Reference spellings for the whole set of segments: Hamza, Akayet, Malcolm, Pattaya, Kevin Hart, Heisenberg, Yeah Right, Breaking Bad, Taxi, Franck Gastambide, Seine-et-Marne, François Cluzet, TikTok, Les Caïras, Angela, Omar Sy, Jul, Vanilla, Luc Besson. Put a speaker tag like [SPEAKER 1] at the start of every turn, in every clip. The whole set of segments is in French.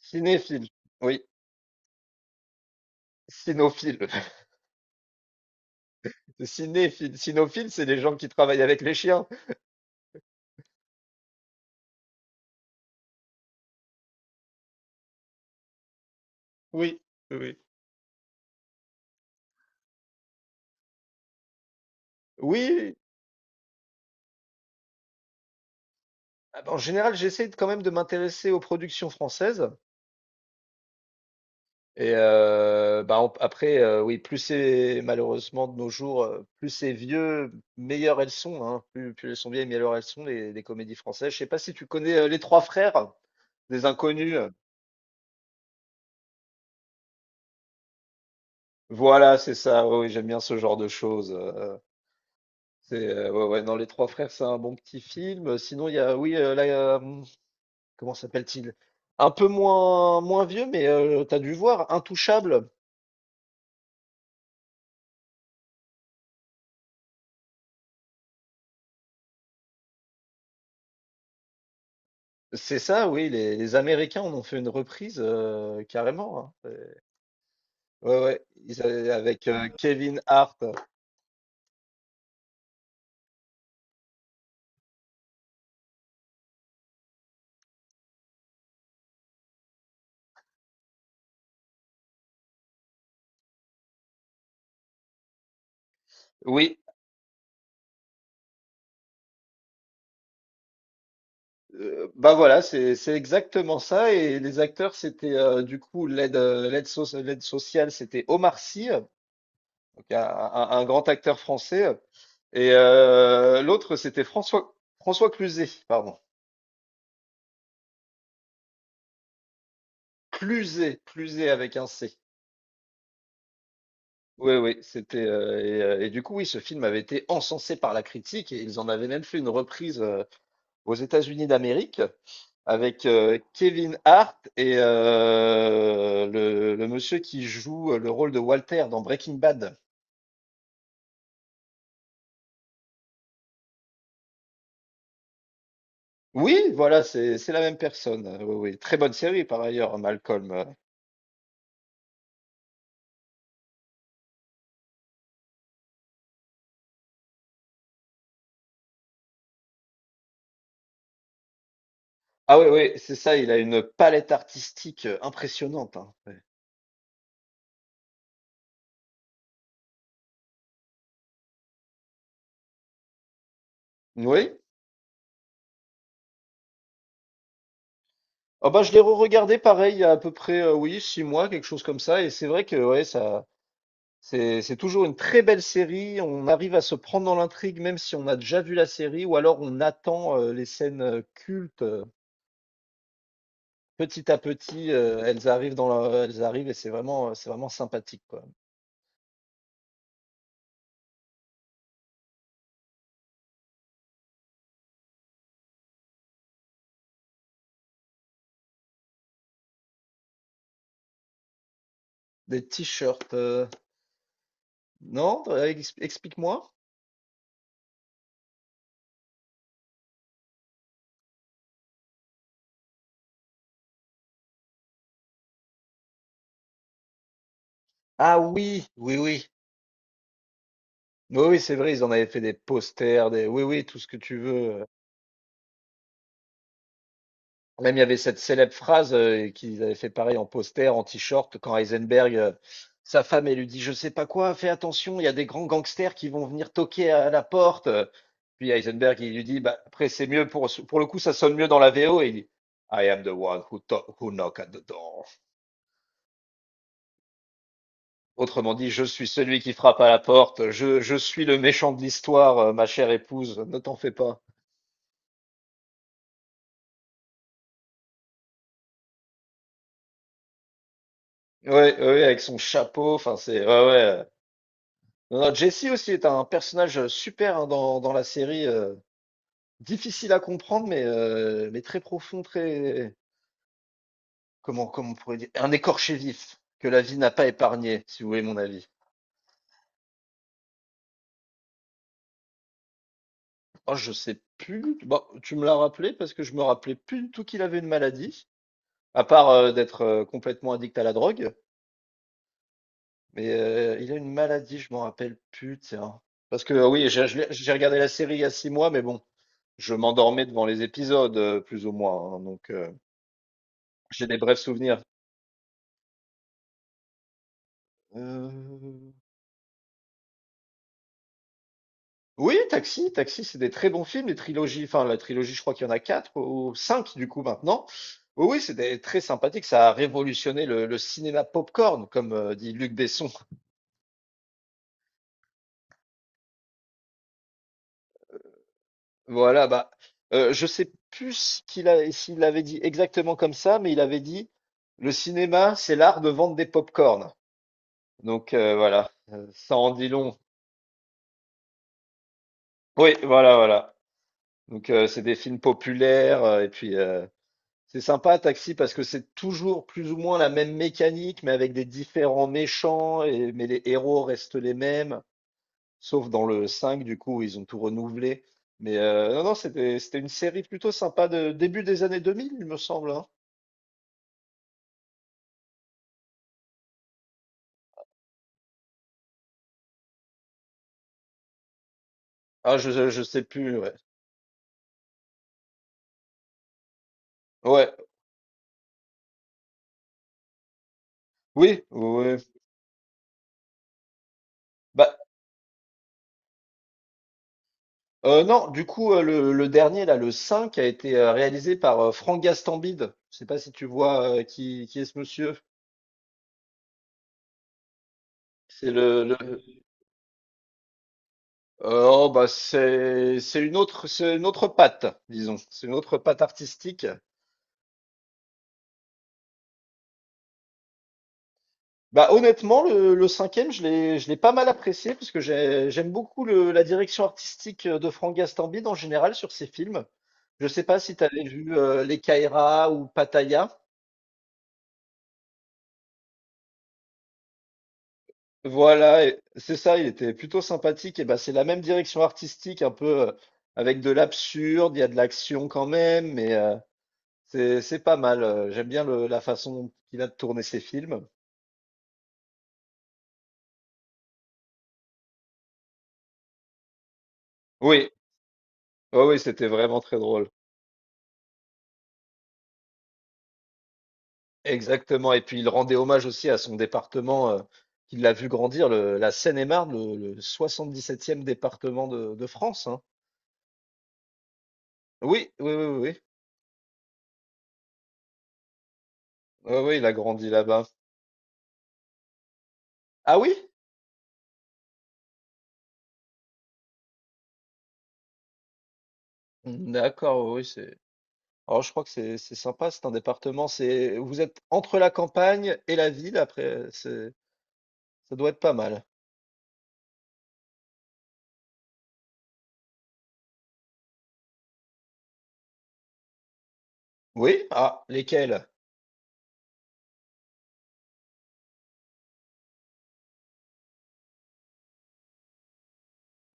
[SPEAKER 1] Cinéphile, oui, cinophile. Cinéphile, cinophile, c'est les gens qui travaillent avec les chiens. Oui, oui, oui. Oui, ah bah, en général, j'essaie de- quand même de m'intéresser aux productions françaises. Et bah, on- après, oui, plus c'est malheureusement de nos jours, plus c'est vieux, meilleures elles sont, hein. Plus, plus elles sont vieilles, meilleures elles sont, les comédies françaises. Je sais pas si tu connais Les Trois Frères, des Inconnus. Voilà, c'est ça. Oui, oui, j'aime bien ce genre de choses. C'est ouais, ouais, non, Les Trois Frères, c'est un bon petit film. Sinon, il y a, oui, là, comment s'appelle-t-il? Un peu moins, moins vieux, mais t'as dû voir Intouchable. C'est ça, oui, les Américains en ont fait une reprise carrément, hein. C'est- ouais, ouais, ils avaient- avec Kevin Hart. Oui, bah voilà, c'est exactement ça. Et les acteurs, c'était du coup l'aide l'aide soc- l'aide sociale, c'était Omar Sy. Donc un grand acteur français. Et l'autre, c'était François, François Cluzet, pardon. Cluzet, Cluzet avec un C. Oui, oui, c'était. Et du coup, oui, ce film avait été encensé par la critique et ils en avaient même fait une reprise aux États-Unis d'Amérique avec Kevin Hart et le monsieur qui joue le rôle de Walter dans Breaking Bad. Oui, voilà, c'est la même personne. Oui, oui. Très bonne série par ailleurs, Malcolm. Ah oui, oui, c'est ça, il a une palette artistique impressionnante, hein. Ouais. Oui. Ah bah, je l'ai re-regardé pareil il y a à peu près oui, 6 mois, quelque chose comme ça. Et c'est vrai que ouais, ça, c'est toujours une très belle série. On arrive à se prendre dans l'intrigue, même si on a déjà vu la série, ou alors on attend les scènes cultes. Petit à petit, elles arrivent dans la- elles arrivent et c'est vraiment sympathique, quoi. Des t-shirts, non? Ex- Explique-moi. Ah oui, oui, oui. Oui, oui, c'est vrai, ils en avaient fait des posters, des oui, oui, tout ce que tu veux. Même il y avait cette célèbre phrase, qu'ils avaient fait pareil en poster, en T-shirt, quand Heisenberg, sa femme, elle lui dit: «Je sais pas quoi, fais attention, il y a des grands gangsters qui vont venir toquer à la porte», puis Heisenberg, il lui dit: «Bah, après c'est mieux pour le coup, ça sonne mieux dans la VO» et il dit: «I am the one who to who knock at the door». Autrement dit: «Je suis celui qui frappe à la porte, je suis le méchant de l'histoire, ma chère épouse, ne t'en fais pas». Ouais, ouais, ouais, avec son chapeau, enfin c'est ouais ouais. Non, non, Jesse aussi est un personnage super hein, dans, dans la série, difficile à comprendre mais très profond, très comment comment on pourrait dire un écorché vif que la vie n'a pas épargné, si vous voulez mon avis. Oh, je sais plus. Bon, tu me l'as rappelé parce que je me rappelais plus du tout qu'il avait une maladie, à part d'être complètement addict à la drogue. Mais il a une maladie, je m'en rappelle plus, tiens. Parce que oui, j'ai je l'ai- j'ai regardé la série il y a 6 mois, mais bon, je m'endormais devant les épisodes, plus ou moins, hein, donc j'ai des brefs souvenirs. Euh, Oui, Taxi, Taxi, c'est des très bons films, les trilogies. Enfin, la trilogie, je crois qu'il y en a quatre ou cinq du coup maintenant. Oui, oui, c'est des- très sympathique. Ça a révolutionné le cinéma popcorn, comme dit Luc Besson. Voilà, bah, je sais plus ce qu'il a, s'il l'avait dit exactement comme ça, mais il avait dit, le cinéma, c'est l'art de vendre des pop-corn. Donc ça en dit long. Oui, voilà, voilà. Donc c'est des films populaires et puis c'est sympa Taxi parce que c'est toujours plus ou moins la même mécanique, mais avec des différents méchants et mais les héros restent les mêmes, sauf dans le 5 du coup où ils ont tout renouvelé. Mais non, non, c'était une série plutôt sympa de début des années 2000, il me semble, hein. Ah, je sais plus, ouais. Ouais. Oui, oui, oui. Bah, non, du coup, le dernier là, le 5 a été, réalisé par, Franck Gastambide. Je sais pas si tu vois, qui est ce monsieur? C'est le oh, bah, c'est une autre patte, disons. C'est une autre patte artistique. Bah, honnêtement, le 5 je l'ai pas mal apprécié parce que j'ai j'aime beaucoup le la direction artistique, de Franck Gastambide en général sur ses films. Je sais pas si tu avais vu, Les Caïras ou Pattaya? Voilà, et c'est ça, il était plutôt sympathique. Et bah, c'est la même direction artistique, un peu avec de l'absurde, il y a de l'action quand même, mais c'est pas mal. J'aime bien le- la façon dont il a de tourner ses films. Oui, oui, oui, c'était vraiment très drôle. Exactement. Et puis il rendait hommage aussi à son département qu'il a vu grandir, le- la Seine-et-Marne, le 77e département de France, hein. Oui, oui, oui, oui, oui, oui, il a grandi là-bas. Ah oui? D'accord, oui, c'est. Alors je crois que c'est sympa, c'est un département, c'est vous êtes entre la campagne et la ville, après c'est ça doit être pas mal. Oui? Ah, lesquels?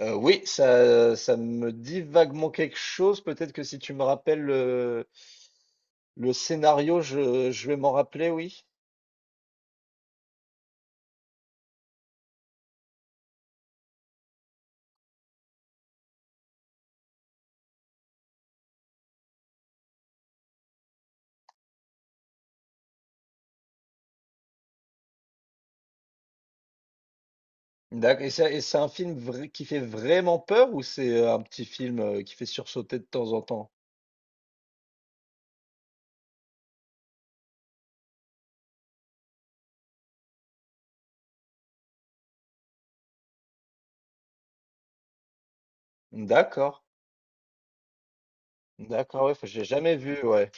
[SPEAKER 1] Oui, ça, ça me dit vaguement quelque chose. Peut-être que si tu me rappelles le scénario, je vais m'en rappeler, oui. D'accord. Et c'est un film vrai- qui fait vraiment peur ou c'est un petit film qui fait sursauter de temps en temps? D'accord. D'accord, ouais, faut- j'ai jamais vu, ouais.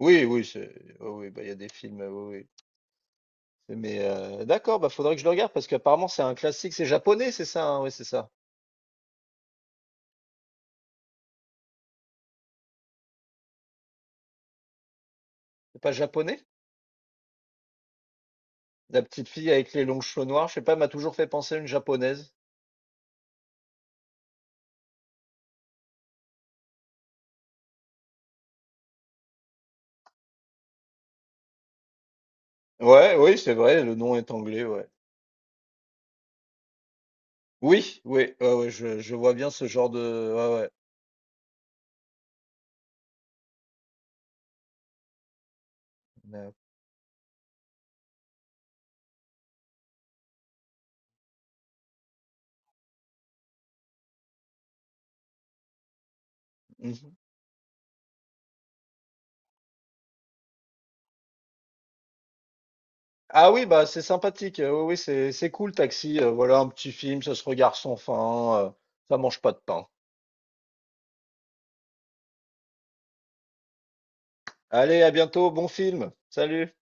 [SPEAKER 1] Oui, oui, c'est- oui, oui, bah, il y a des films, oui, oui. Mais d'accord, bah faudrait que je le regarde parce qu'apparemment c'est un classique, c'est japonais, c'est ça, hein? Oui, c'est ça. C'est pas japonais? La petite fille avec les longs cheveux noirs, je sais pas, elle m'a toujours fait penser à une japonaise. Ouais, oui, c'est vrai, le nom est anglais, ouais. Oui, oui, ouais, ouais, je vois bien ce genre de. Ouais, ouais. Mais- Mhm. Ah oui, bah c'est sympathique. Oui, oui, c'est cool, Taxi. Voilà un petit film, ça se regarde sans fin. Ça mange pas de pain. Allez, à bientôt, bon film. Salut.